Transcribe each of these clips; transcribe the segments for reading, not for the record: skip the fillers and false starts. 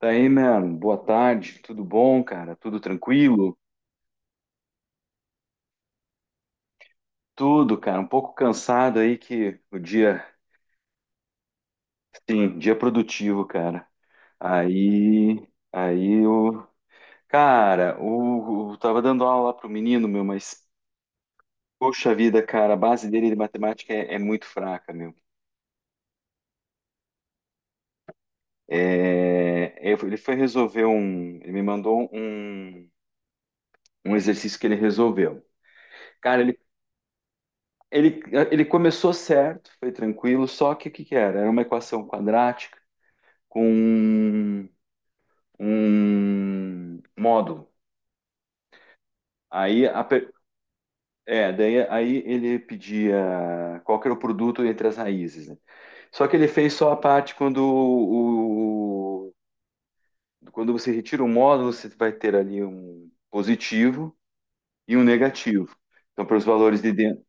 Daí, mano, boa tarde, tudo bom, cara? Tudo tranquilo? Tudo, cara, um pouco cansado aí que o dia, sim, dia produtivo, cara. Aí o cara, tava dando aula lá pro menino, meu, mas poxa vida, cara, a base dele de matemática é muito fraca, meu. É, ele foi resolver um, ele me mandou um, um exercício que ele resolveu. Cara, ele Ele, ele começou certo, foi tranquilo, só que o que era? Era uma equação quadrática com um módulo. Aí, a per- é, daí, aí ele pedia qual que era o produto entre as raízes, né? Só que ele fez só a parte quando, quando você retira o módulo, você vai ter ali um positivo e um negativo. Então, para os valores de dentro.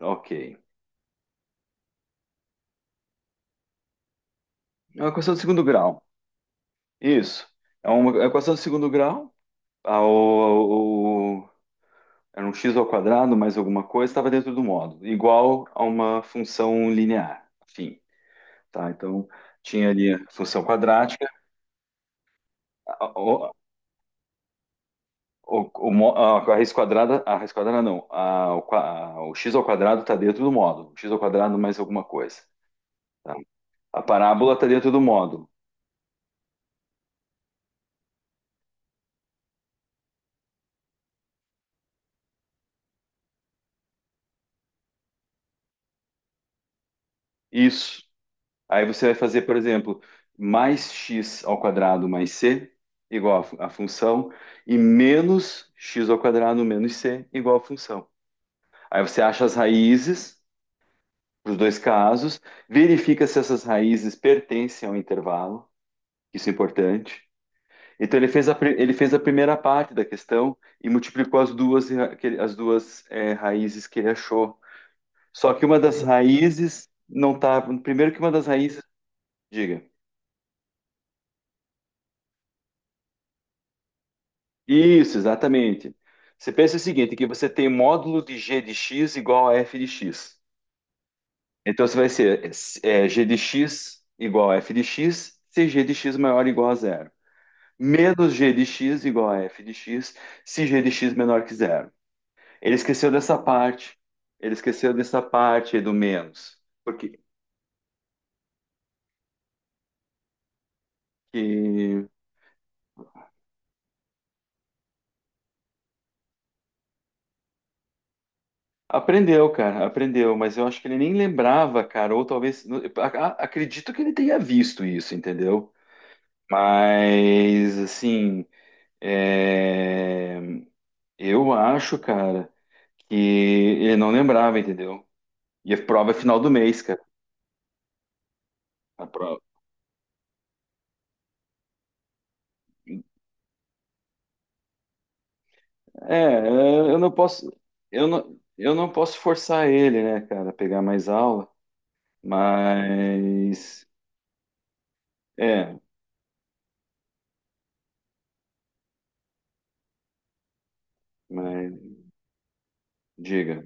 Ok. É uma equação de segundo grau. Isso. É uma equação de segundo grau. ao, ao- era um x ao quadrado mais alguma coisa, estava dentro do módulo, igual a uma função linear, enfim, tá? Então, tinha ali a função quadrática, a- o, a raiz quadrada não, a, o, qua- a- o x ao quadrado está dentro do módulo, x ao quadrado mais alguma coisa, tá? A parábola está dentro do módulo, isso. Aí você vai fazer, por exemplo, mais x ao quadrado mais c igual a, a função e menos x ao quadrado menos c igual a função. Aí você acha as raízes para os dois casos, verifica se essas raízes pertencem ao intervalo, isso é importante. Então ele fez a, ele fez a primeira parte da questão e multiplicou as duas, as duas raízes que ele achou. Só que uma das raízes não está. Primeiro que uma das raízes. Diga. Isso, exatamente. Você pensa o seguinte, que você tem módulo de g de x igual a f de x. Então, você vai ser g de x igual a f de x se g de x maior ou igual a zero. Menos g de x igual a f de x se g de x menor que zero. Ele esqueceu dessa parte. Ele esqueceu dessa parte aí do menos. Porque que- aprendeu, cara, aprendeu. Mas eu acho que ele nem lembrava, cara. Ou talvez... Acredito que ele tenha visto isso, entendeu? Mas, assim, é, eu acho, cara, que ele não lembrava, entendeu? E a prova é final do mês, cara. A prova. Eu não posso, eu não posso forçar ele, né, cara, a pegar mais aula, mas, é, mas, diga.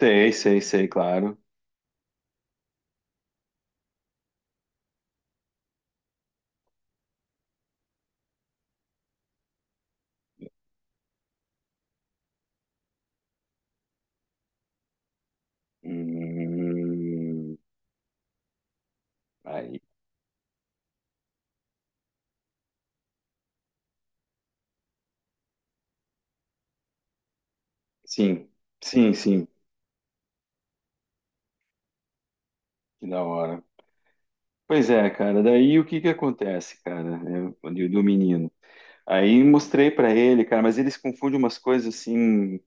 Sei, sei, sei, claro. Hum, aí, sim, sim, sim, que da hora. Pois é, cara. Daí o que que acontece, cara, né, do menino? Aí mostrei pra ele, cara, mas eles confundem umas coisas assim,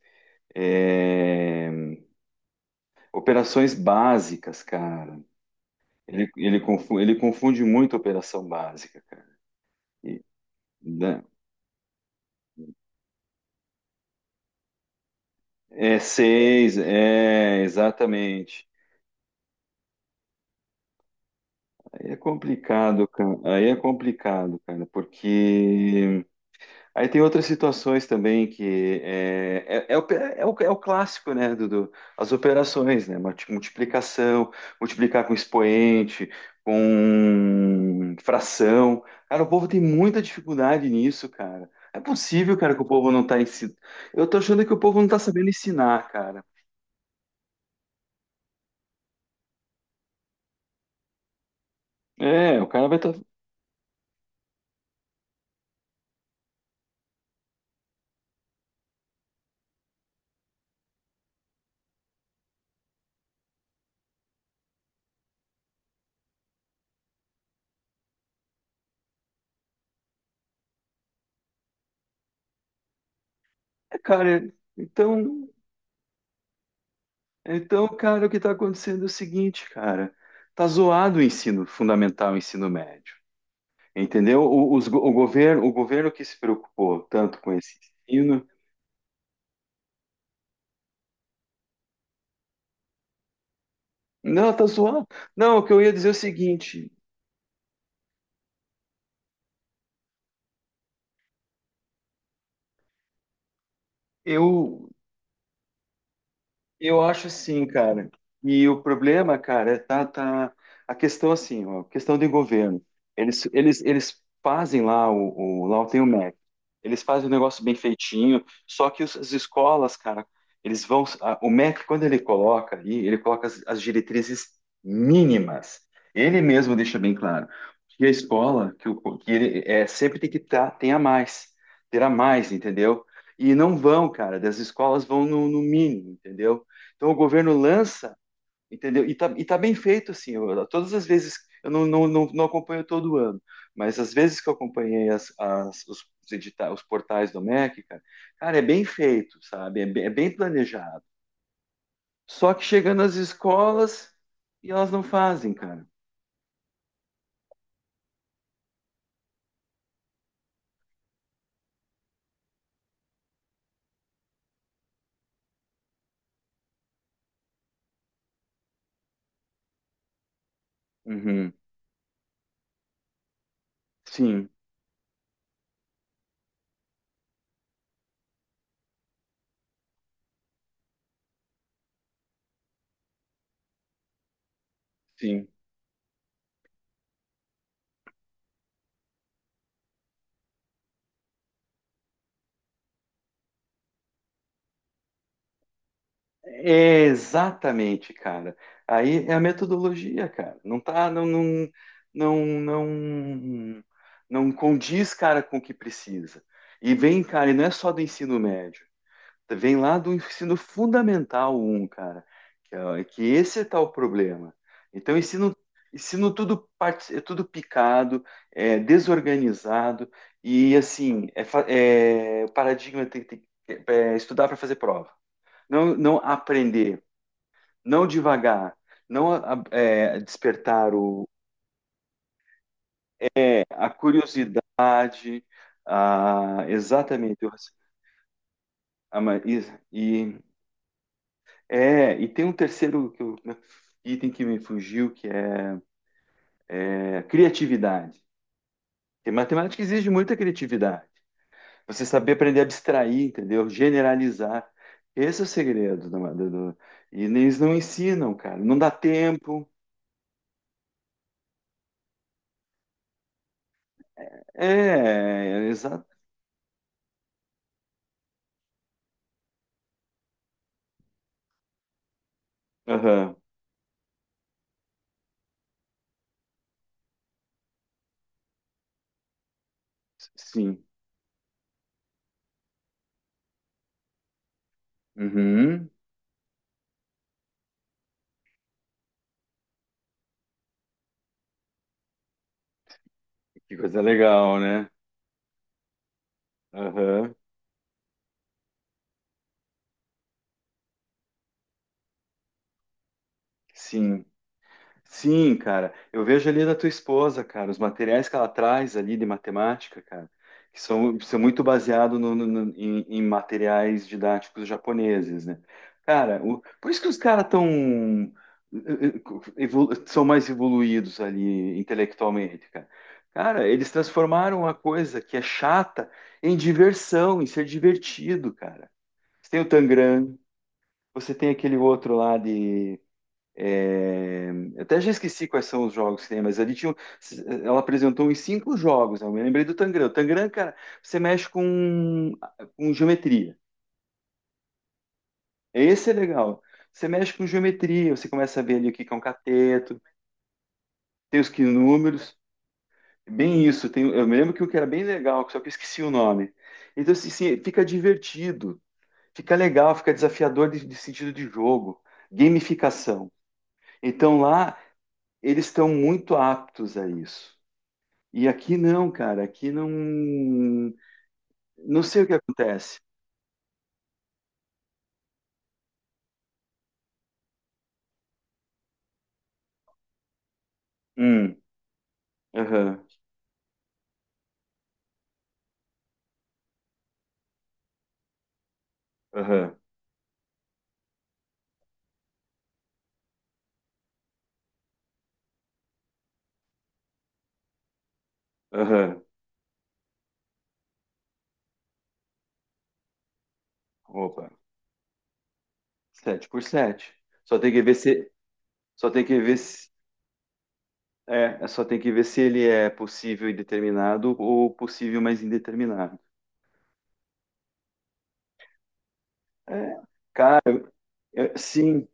é, operações básicas, cara. Ele confunde muito operação básica, cara. E, né, é seis, é exatamente. Aí é complicado, cara. Aí é complicado, cara, porque Aí tem outras situações também que é, é, é o clássico, né, as operações, né, multiplicação, multiplicar com expoente, com fração. Cara, o povo tem muita dificuldade nisso, cara. É possível, cara, que o povo não tá ensinando. Eu tô achando que o povo não tá sabendo ensinar, cara. É, o cara vai estar. É, cara, então, então, cara, o que tá acontecendo é o seguinte, cara. Tá zoado o ensino fundamental, o ensino médio. Entendeu? O governo que se preocupou tanto com esse ensino. Não, tá zoando. Não, o que eu ia dizer é o seguinte: eu eu acho sim, cara. E o problema, cara, tá a questão assim, ó, questão do governo. Eles fazem lá o lá tem o MEC. Eles fazem o negócio bem feitinho. Só que as escolas, cara, eles vão. O MEC quando ele coloca ali, ele coloca as diretrizes mínimas. Ele mesmo deixa bem claro que a escola, que ele é sempre tem que tá, tenha mais, terá mais, entendeu? E não vão, cara, das escolas vão no mínimo, entendeu? Então o governo lança, entendeu? E tá bem feito, assim. Todas as vezes, eu não, não, não, não acompanho todo ano, mas as vezes que eu acompanhei os portais do MEC, cara, cara, é bem feito, sabe? É bem planejado. Só que chegando às escolas e elas não fazem, cara. Uhum. Sim, sim. É, exatamente, cara. Aí é a metodologia, cara. Não tá, não, não, não, não condiz, cara, com o que precisa. E vem, cara, e não é só do ensino médio. Vem lá do ensino fundamental um cara. Que, que esse é tal problema. Então, ensino, ensino tudo, é tudo picado, é desorganizado e, assim, é, é, o paradigma tem que é estudar para fazer prova. Não, não aprender não devagar, não a- é, despertar o, é, a curiosidade, a, exatamente, o raci- a ma- e- é, e tem um terceiro que né, item que me fugiu, que é, é criatividade. Porque matemática exige muita criatividade. Você saber aprender a abstrair, entendeu? Generalizar. Esse é o segredo do e eles não ensinam, cara. Não dá tempo. É, exato. Aham. Sim. Uhum. Que coisa legal, né? Aham. Sim. Sim, cara. Eu vejo ali da tua esposa, cara, os materiais que ela traz ali de matemática, cara, que são, são muito baseados em, em materiais didáticos japoneses, né? Cara, por isso que os caras tão, eh, são mais evoluídos ali intelectualmente, cara. Cara, eles transformaram uma coisa que é chata em diversão, em ser divertido, cara. Você tem o Tangram. Você tem aquele outro lá de. É, eu até já esqueci quais são os jogos que tem, mas ali tinha. Ela apresentou uns cinco jogos, né? Eu me lembrei do Tangram. O Tangram, cara, você mexe com geometria. Esse é legal. Você mexe com geometria, você começa a ver ali o que que é um cateto, tem os que números. Bem isso, tem, eu me lembro que um que era bem legal, só que eu esqueci o nome. Então, assim, assim, fica divertido, fica legal, fica desafiador de sentido de jogo, gamificação. Então lá eles estão muito aptos a isso. E aqui não, cara, aqui não. Não sei o que acontece. Hum, aham, aham, aham. Opa, sete por sete. Só tem que ver se. Só tem que ver se. É, só tem que ver se ele é possível e determinado ou possível, mas indeterminado. É, é, sim,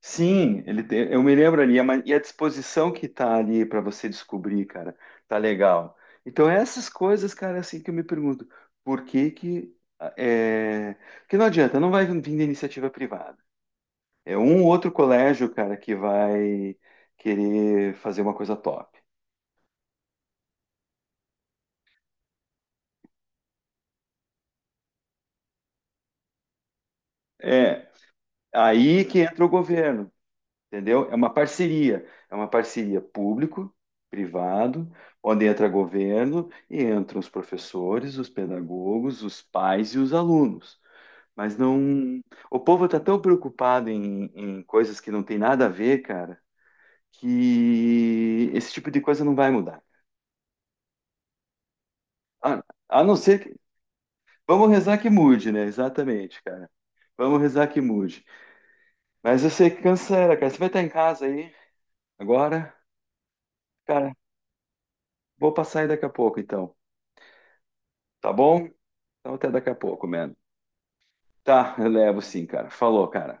sim, ele tem, eu me lembro ali, a e a disposição que tá ali para você descobrir, cara, tá legal. Então, essas coisas, cara, é assim que eu me pergunto, por que que ah, é, que não adianta, não vai vir da iniciativa privada. É um ou outro colégio, cara, que vai querer fazer uma coisa top. É, aí que entra o governo. Entendeu? É uma parceria público-privado, onde entra governo e entram os professores, os pedagogos, os pais e os alunos. Mas não. O povo está tão preocupado em, em coisas que não tem nada a ver, cara, que esse tipo de coisa não vai mudar. A, a não ser que. Vamos rezar que mude, né? Exatamente, cara. Vamos rezar que mude. Mas eu sei que cancela, cara. Você vai estar em casa aí agora? Cara, vou passar aí daqui a pouco, então. Tá bom? Então até daqui a pouco, mano. Tá, eu levo sim, cara. Falou, cara.